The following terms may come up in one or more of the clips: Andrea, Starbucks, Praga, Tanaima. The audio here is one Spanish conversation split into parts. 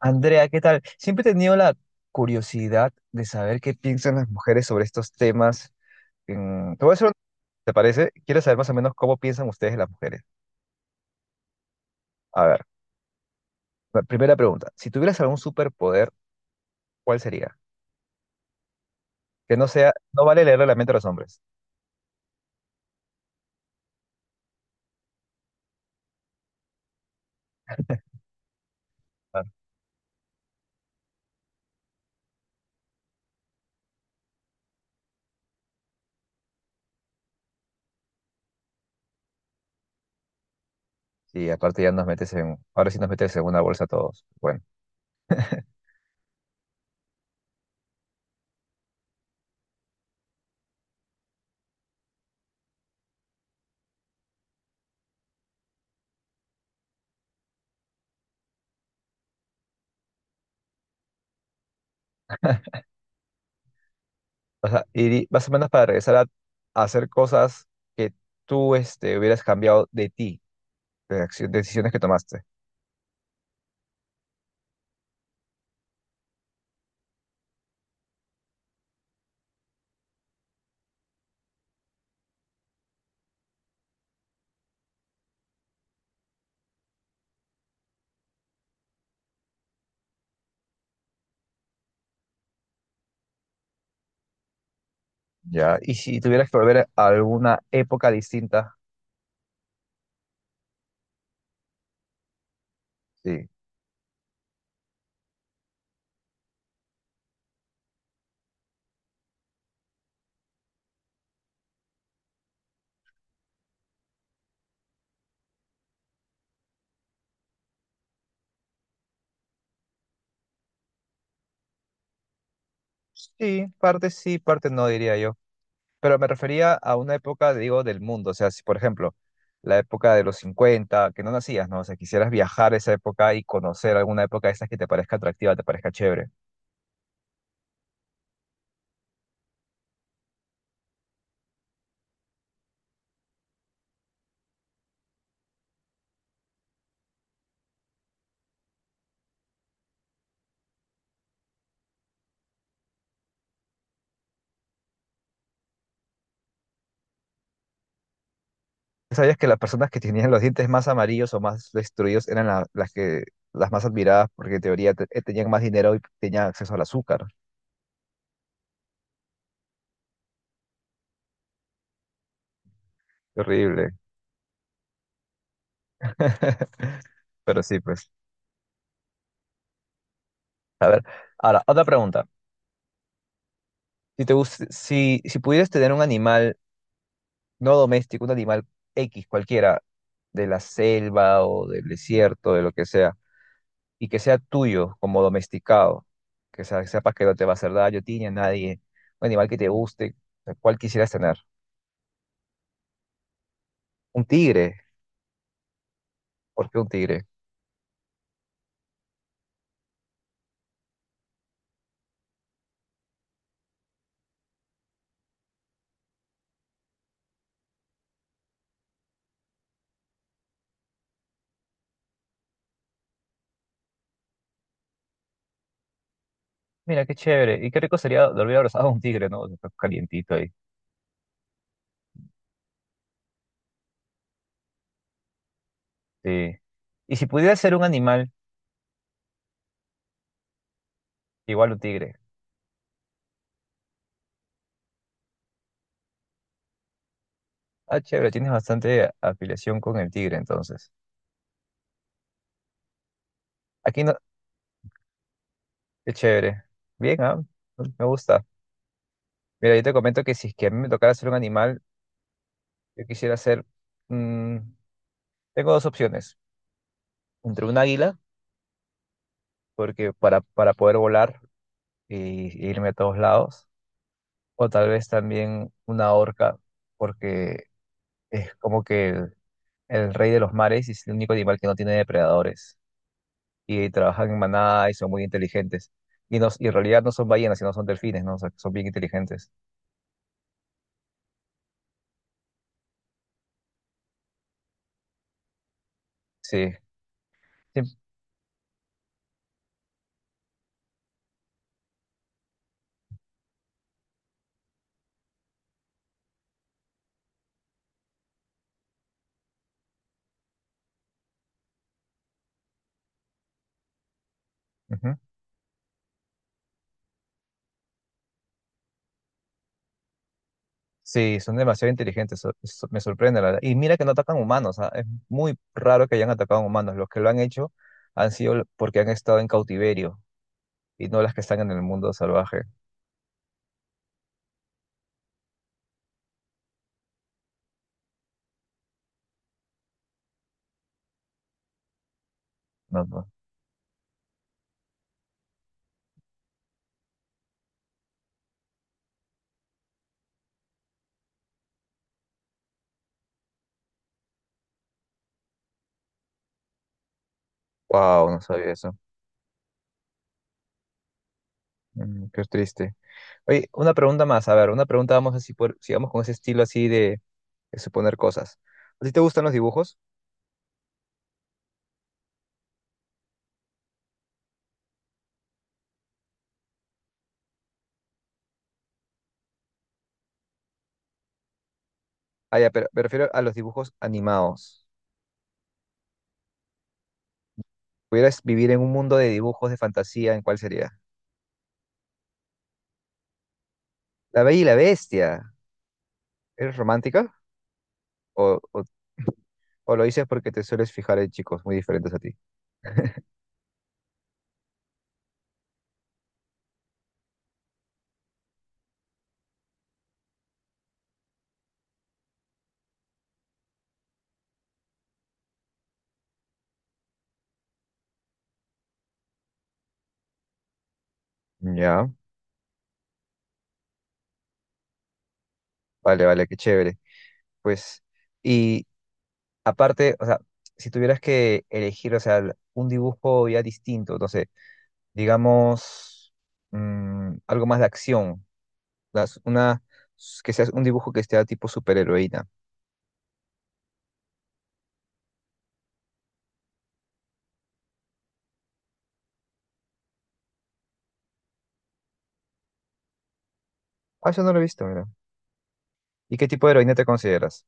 Andrea, ¿qué tal? Siempre he tenido la curiosidad de saber qué piensan las mujeres sobre estos temas. Te voy a hacer una, ¿te parece? Quiero saber más o menos cómo piensan ustedes las mujeres. A ver, la primera pregunta. Si tuvieras algún superpoder, ¿cuál sería? Que no sea, no vale leerle la mente a los hombres. Ah. Sí, aparte ya nos metes en, ahora sí nos metes en una bolsa a todos. Bueno, o sea, y más o menos para regresar a hacer cosas que tú hubieras cambiado de ti, de decisiones que tomaste. Ya, y si tuvieras que volver a alguna época distinta, sí. Sí, parte no, diría yo. Pero me refería a una época, digo, del mundo. O sea, si por ejemplo, la época de los 50 que no nacías, ¿no? O sea, quisieras viajar a esa época y conocer alguna época de esas que te parezca atractiva, te parezca chévere. ¿Sabías que las personas que tenían los dientes más amarillos o más destruidos eran las que, las más admiradas porque en teoría tenían más dinero y tenían acceso al azúcar? Horrible. Pero sí, pues. A ver, ahora, otra pregunta. Si si, si pudieras tener un animal no doméstico, un animal X, cualquiera, de la selva o del desierto, de lo que sea, y que sea tuyo como domesticado, sepas que no te va a hacer daño a ti ni a nadie, un animal que te guste, ¿cuál quisieras tener? Un tigre, ¿por qué un tigre? Mira, qué chévere, y qué rico sería dormir abrazado a un tigre, ¿no? Está calientito ahí. Sí. Y si pudieras ser un animal, igual un tigre. Ah, chévere, tienes bastante afiliación con el tigre, entonces. Aquí, no- Qué chévere. Bien, ah, me gusta. Mira, yo te comento que si es que a mí me tocara ser un animal, yo quisiera ser... mm, tengo dos opciones. Entre un águila, porque para poder volar y, y irme a todos lados, o tal vez también una orca, porque es como que el rey de los mares y es el único animal que no tiene depredadores. Y trabajan en manada y son muy inteligentes. Y, no- y en realidad no son ballenas, sino son delfines, ¿no? O sea, que son bien inteligentes. Sí. Sí. Ujú. Sí, son demasiado inteligentes, me sorprende la verdad. Y mira que no atacan humanos, ah, es muy raro que hayan atacado humanos. Los que lo han hecho han sido porque han estado en cautiverio y no las que están en el mundo salvaje. No, no. Wow, no sabía eso. Mm, qué triste. Oye, una pregunta más, a ver, una pregunta vamos así por, sigamos con ese estilo así de suponer cosas. ¿A ti te gustan los dibujos? Ah, ya, pero me refiero a los dibujos animados. ¿Pudieras vivir en un mundo de dibujos de fantasía, en cuál sería? La Bella y la Bestia. ¿Eres romántica? O, o, o lo dices porque te sueles fijar en chicos muy diferentes a ti. Ya, vale, vale, qué chévere. Pues, y aparte, o sea, si tuvieras que elegir, o sea, un dibujo ya distinto, no sé, digamos, mm, algo más de acción, las- una, que seas un dibujo que sea tipo superheroína. Ah, eso no lo he visto, mira. ¿Y qué tipo de heroína te consideras?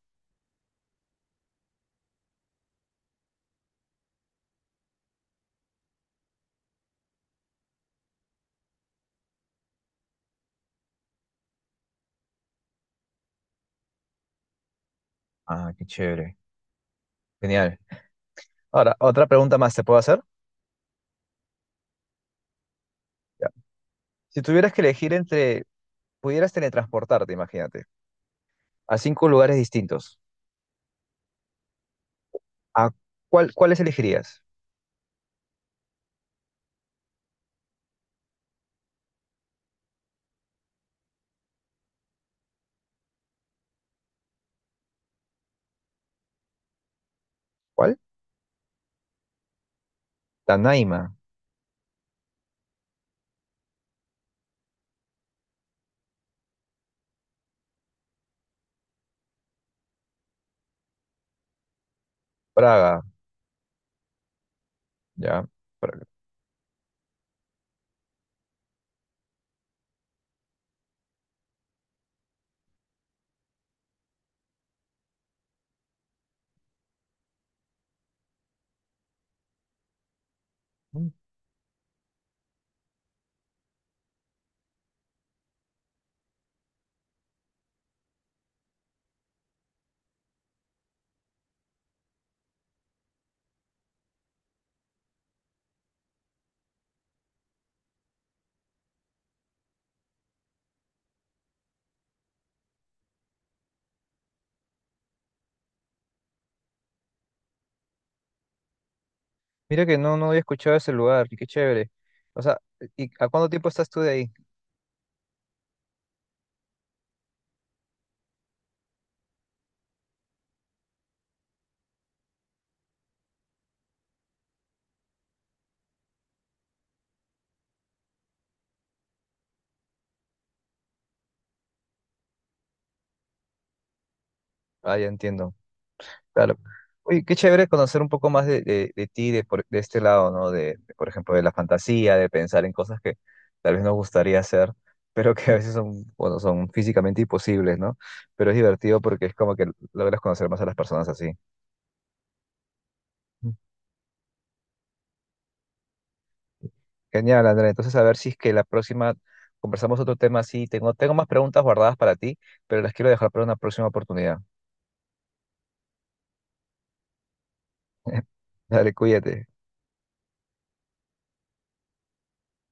Ah, qué chévere. Genial. Ahora, otra pregunta más, ¿te puedo hacer? Ya. Si tuvieras que elegir entre, pudieras teletransportarte, imagínate, a 5 lugares distintos. ¿A cuál, cuáles elegirías? ¿Cuál? Tanaima, Praga, ya. Praga. Mm, Mira que no, no había escuchado ese lugar, qué chévere. O sea, ¿y a cuánto tiempo estás tú de ahí? Ah, ya entiendo, claro. Oye, qué chévere conocer un poco más de ti, de este lado, ¿no? De, por ejemplo, de la fantasía, de pensar en cosas que tal vez nos gustaría hacer, pero que a veces son, bueno, son físicamente imposibles, ¿no? Pero es divertido porque es como que logras conocer más a las personas así. Mm. Genial, Andrea. Entonces, a ver si es que la próxima conversamos otro tema así. Tengo, tengo más preguntas guardadas para ti, pero las quiero dejar para una próxima oportunidad. Dale, cuídate.